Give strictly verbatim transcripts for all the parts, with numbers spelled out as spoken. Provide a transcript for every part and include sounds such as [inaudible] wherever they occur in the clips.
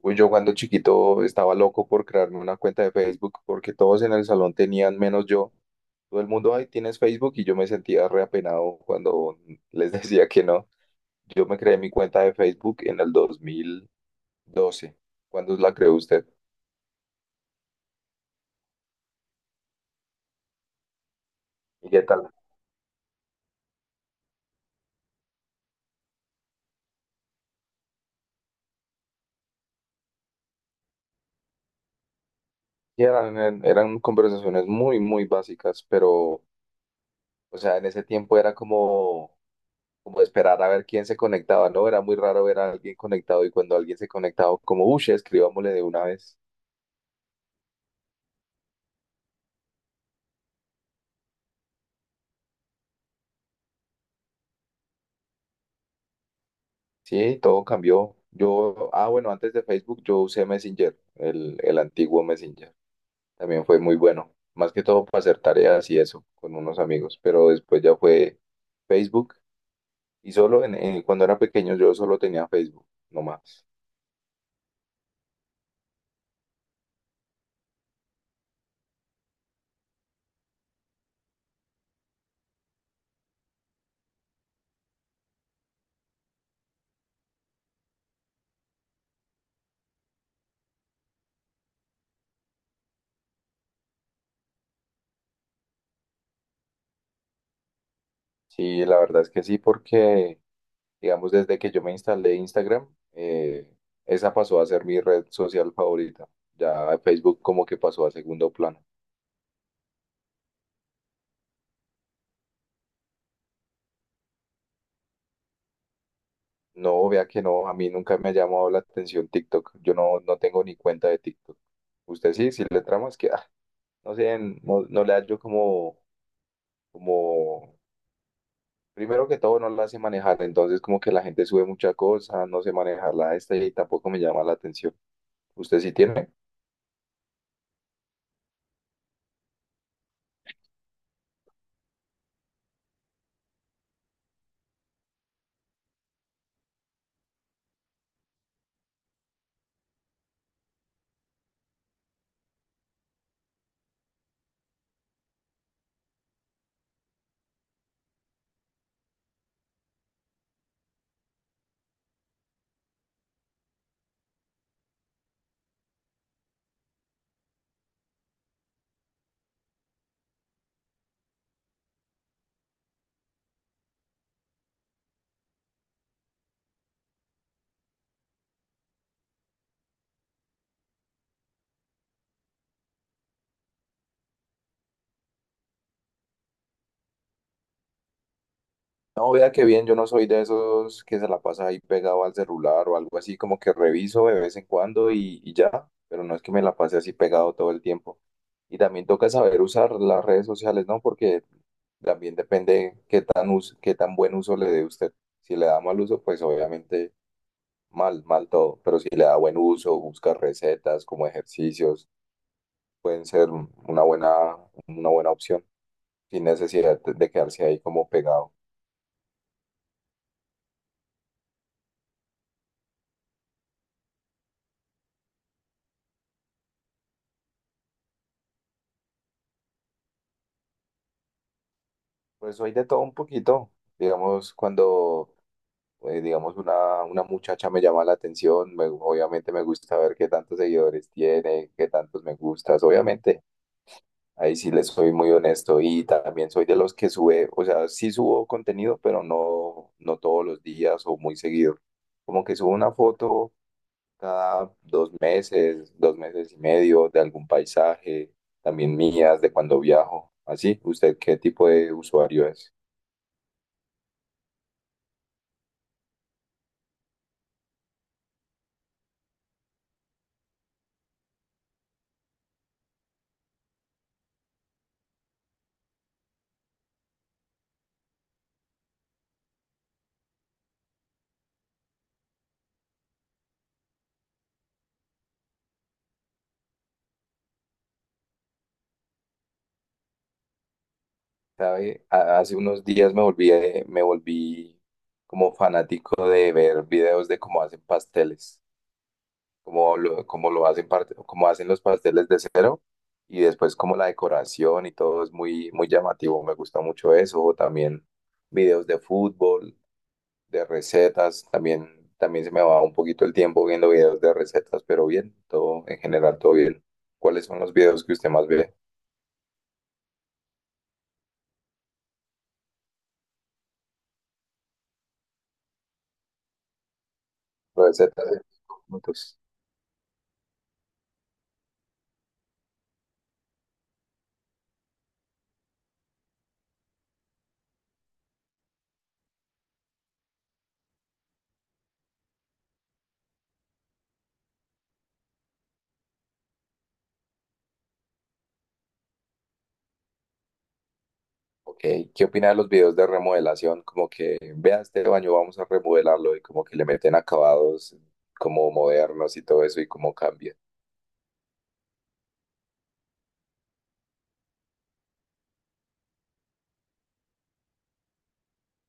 Uy, yo cuando chiquito estaba loco por crearme una cuenta de Facebook porque todos en el salón tenían menos yo. Todo el mundo, ay, tienes Facebook y yo me sentía reapenado cuando les [laughs] decía que no. Yo me creé mi cuenta de Facebook en el dos mil doce. ¿Cuándo la creó usted? ¿Y qué tal? Y eran, eran conversaciones muy, muy básicas, pero, o sea, en ese tiempo era como, como esperar a ver quién se conectaba, ¿no? Era muy raro ver a alguien conectado y cuando alguien se conectaba, como, uy, escribámosle de una vez. Sí, todo cambió. Yo, ah, bueno, antes de Facebook yo usé Messenger, el, el antiguo Messenger. También fue muy bueno, más que todo para hacer tareas y eso con unos amigos, pero después ya fue Facebook y solo en, en- cuando era pequeño yo solo tenía Facebook, no más. Sí, la verdad es que sí, porque digamos desde que yo me instalé Instagram, eh, esa pasó a ser mi red social favorita. Ya Facebook como que pasó a segundo plano. No, vea que no, a mí nunca me ha llamado la atención TikTok. Yo no, no tengo ni cuenta de TikTok. Usted sí, si le tramas que, ah, no sé, no, no le hallo como, como, primero que todo no la hace manejar, entonces como que la gente sube mucha cosa, no sé manejarla esta y tampoco me llama la atención. ¿Usted sí tiene? No, vea que bien, yo no soy de esos que se la pasa ahí pegado al celular o algo así, como que reviso de vez en cuando y, y ya, pero no es que me la pase así pegado todo el tiempo. Y también toca saber usar las redes sociales, ¿no? Porque también depende qué tan us- qué tan buen uso le dé usted. Si le da mal uso, pues obviamente mal, mal todo, pero si le da buen uso, busca recetas como ejercicios, pueden ser una buena, una buena opción, sin necesidad de de quedarse ahí como pegado. Pues soy de todo un poquito. Digamos, cuando, eh, digamos, una, una muchacha me llama la atención, me- obviamente me gusta ver qué tantos seguidores tiene, qué tantos me gustas, obviamente. Ahí sí les soy muy honesto y también soy de los que sube, o sea, sí subo contenido, pero no, no todos los días o muy seguido. Como que subo una foto cada dos meses, dos meses y medio de algún paisaje, también mías, de cuando viajo. Así, ¿usted qué tipo de usuario es? ¿Sabe? A- Hace unos días me volví, eh, me volví como fanático de ver videos de cómo hacen pasteles, cómo lo, cómo lo hacen, parte- cómo hacen los pasteles de cero y después como la decoración y todo es muy, muy llamativo. Me gusta mucho eso. O también videos de fútbol, de recetas. También, también se me va un poquito el tiempo viendo videos de recetas, pero bien, todo en general, todo bien. ¿Cuáles son los videos que usted más ve? Recetas de minutos. Ok, ¿qué opinas de los videos de remodelación? Como que, vea este baño, vamos a remodelarlo y como que le meten acabados como modernos y todo eso y cómo cambia.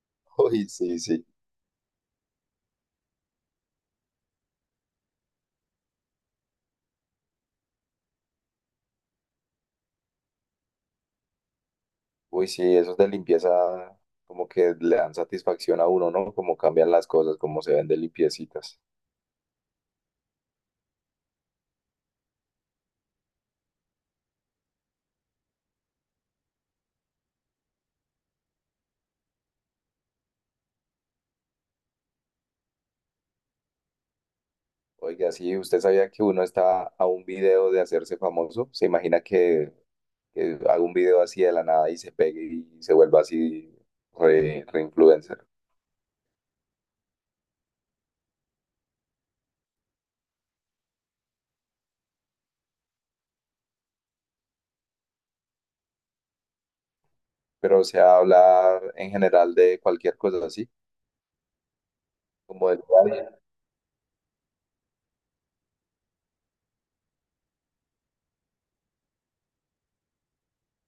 [laughs] Uy, sí, sí. Uy, sí, esos de limpieza como que le dan satisfacción a uno, ¿no? Como cambian las cosas, como se ven de limpiecitas. Oiga, sí, ¿usted sabía que uno está a un video de hacerse famoso? ¿Se imagina que, que haga un video así de la nada y se pegue y se vuelva así re, re influencer? Pero o sea, hablar en general de cualquier cosa así, como del día a día,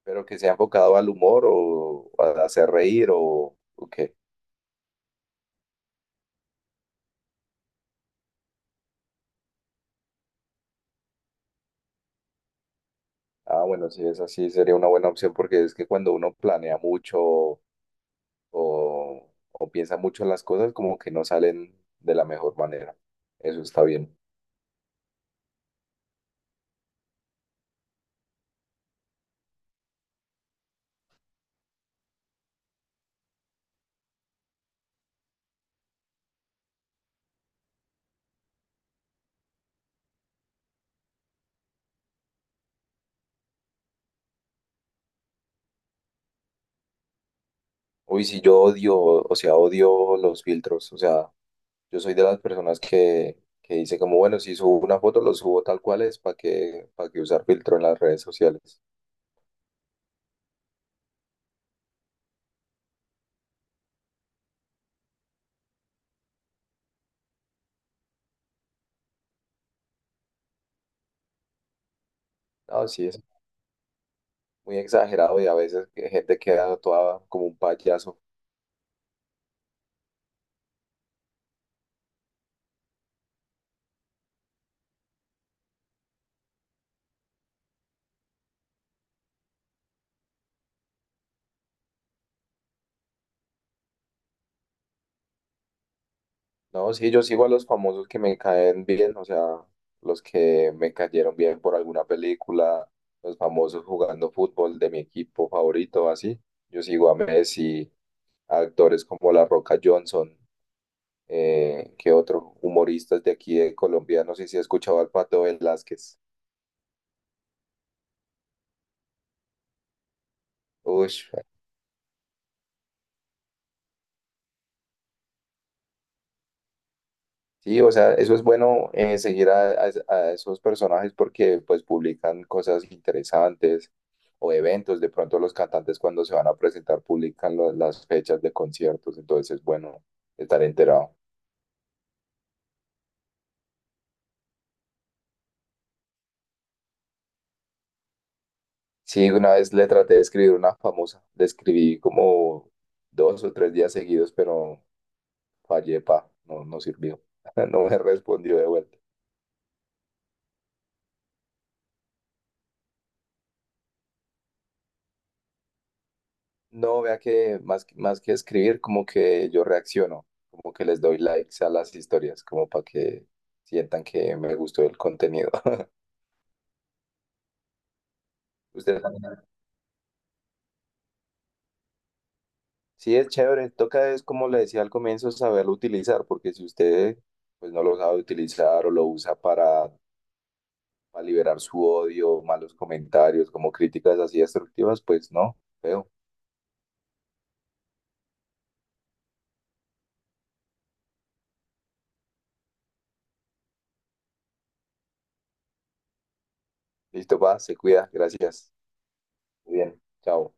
pero que sea enfocado al humor o a hacer reír o, o qué. Ah, bueno, sí, es así, sería una buena opción porque es que cuando uno planea mucho o, o piensa mucho en las cosas, como que no salen de la mejor manera. Eso está bien. Uy, sí, yo odio, o sea, odio los filtros, o sea, yo soy de las personas que, que dice como, bueno, si subo una foto, lo subo tal cual es, ¿para qué, para qué usar filtro en las redes sociales? No, sí, es muy exagerado y a veces que gente queda toda como un payaso. No, sí, yo sigo a los famosos que me caen bien, o sea, los que me cayeron bien por alguna película, los famosos jugando fútbol de mi equipo favorito, así. Yo sigo a Messi, a actores como La Roca Johnson, eh, que otros humoristas de aquí de Colombia, no sé si he escuchado al Pato Velázquez. Uy, sí, o sea, eso es bueno, eh, seguir a, a- a esos personajes porque pues publican cosas interesantes o eventos. De pronto los cantantes cuando se van a presentar publican lo- las fechas de conciertos, entonces es bueno estar enterado. Sí, una vez le traté de escribir una famosa, le escribí como dos o tres días seguidos, pero fallé, pa, no, no sirvió, [laughs] no me respondió de vuelta. No, vea que más, que- más que escribir, como que yo reacciono, como que les doy likes a las historias, como para que sientan que me gustó el contenido. [laughs] Usted también. Sí, es chévere. Toca es, como le decía al comienzo, saberlo utilizar, porque si usted pues no lo sabe utilizar o lo usa para, para liberar su odio, malos comentarios, como críticas así destructivas, pues no, feo. Listo, va, se cuida. Gracias. Muy bien. Chao.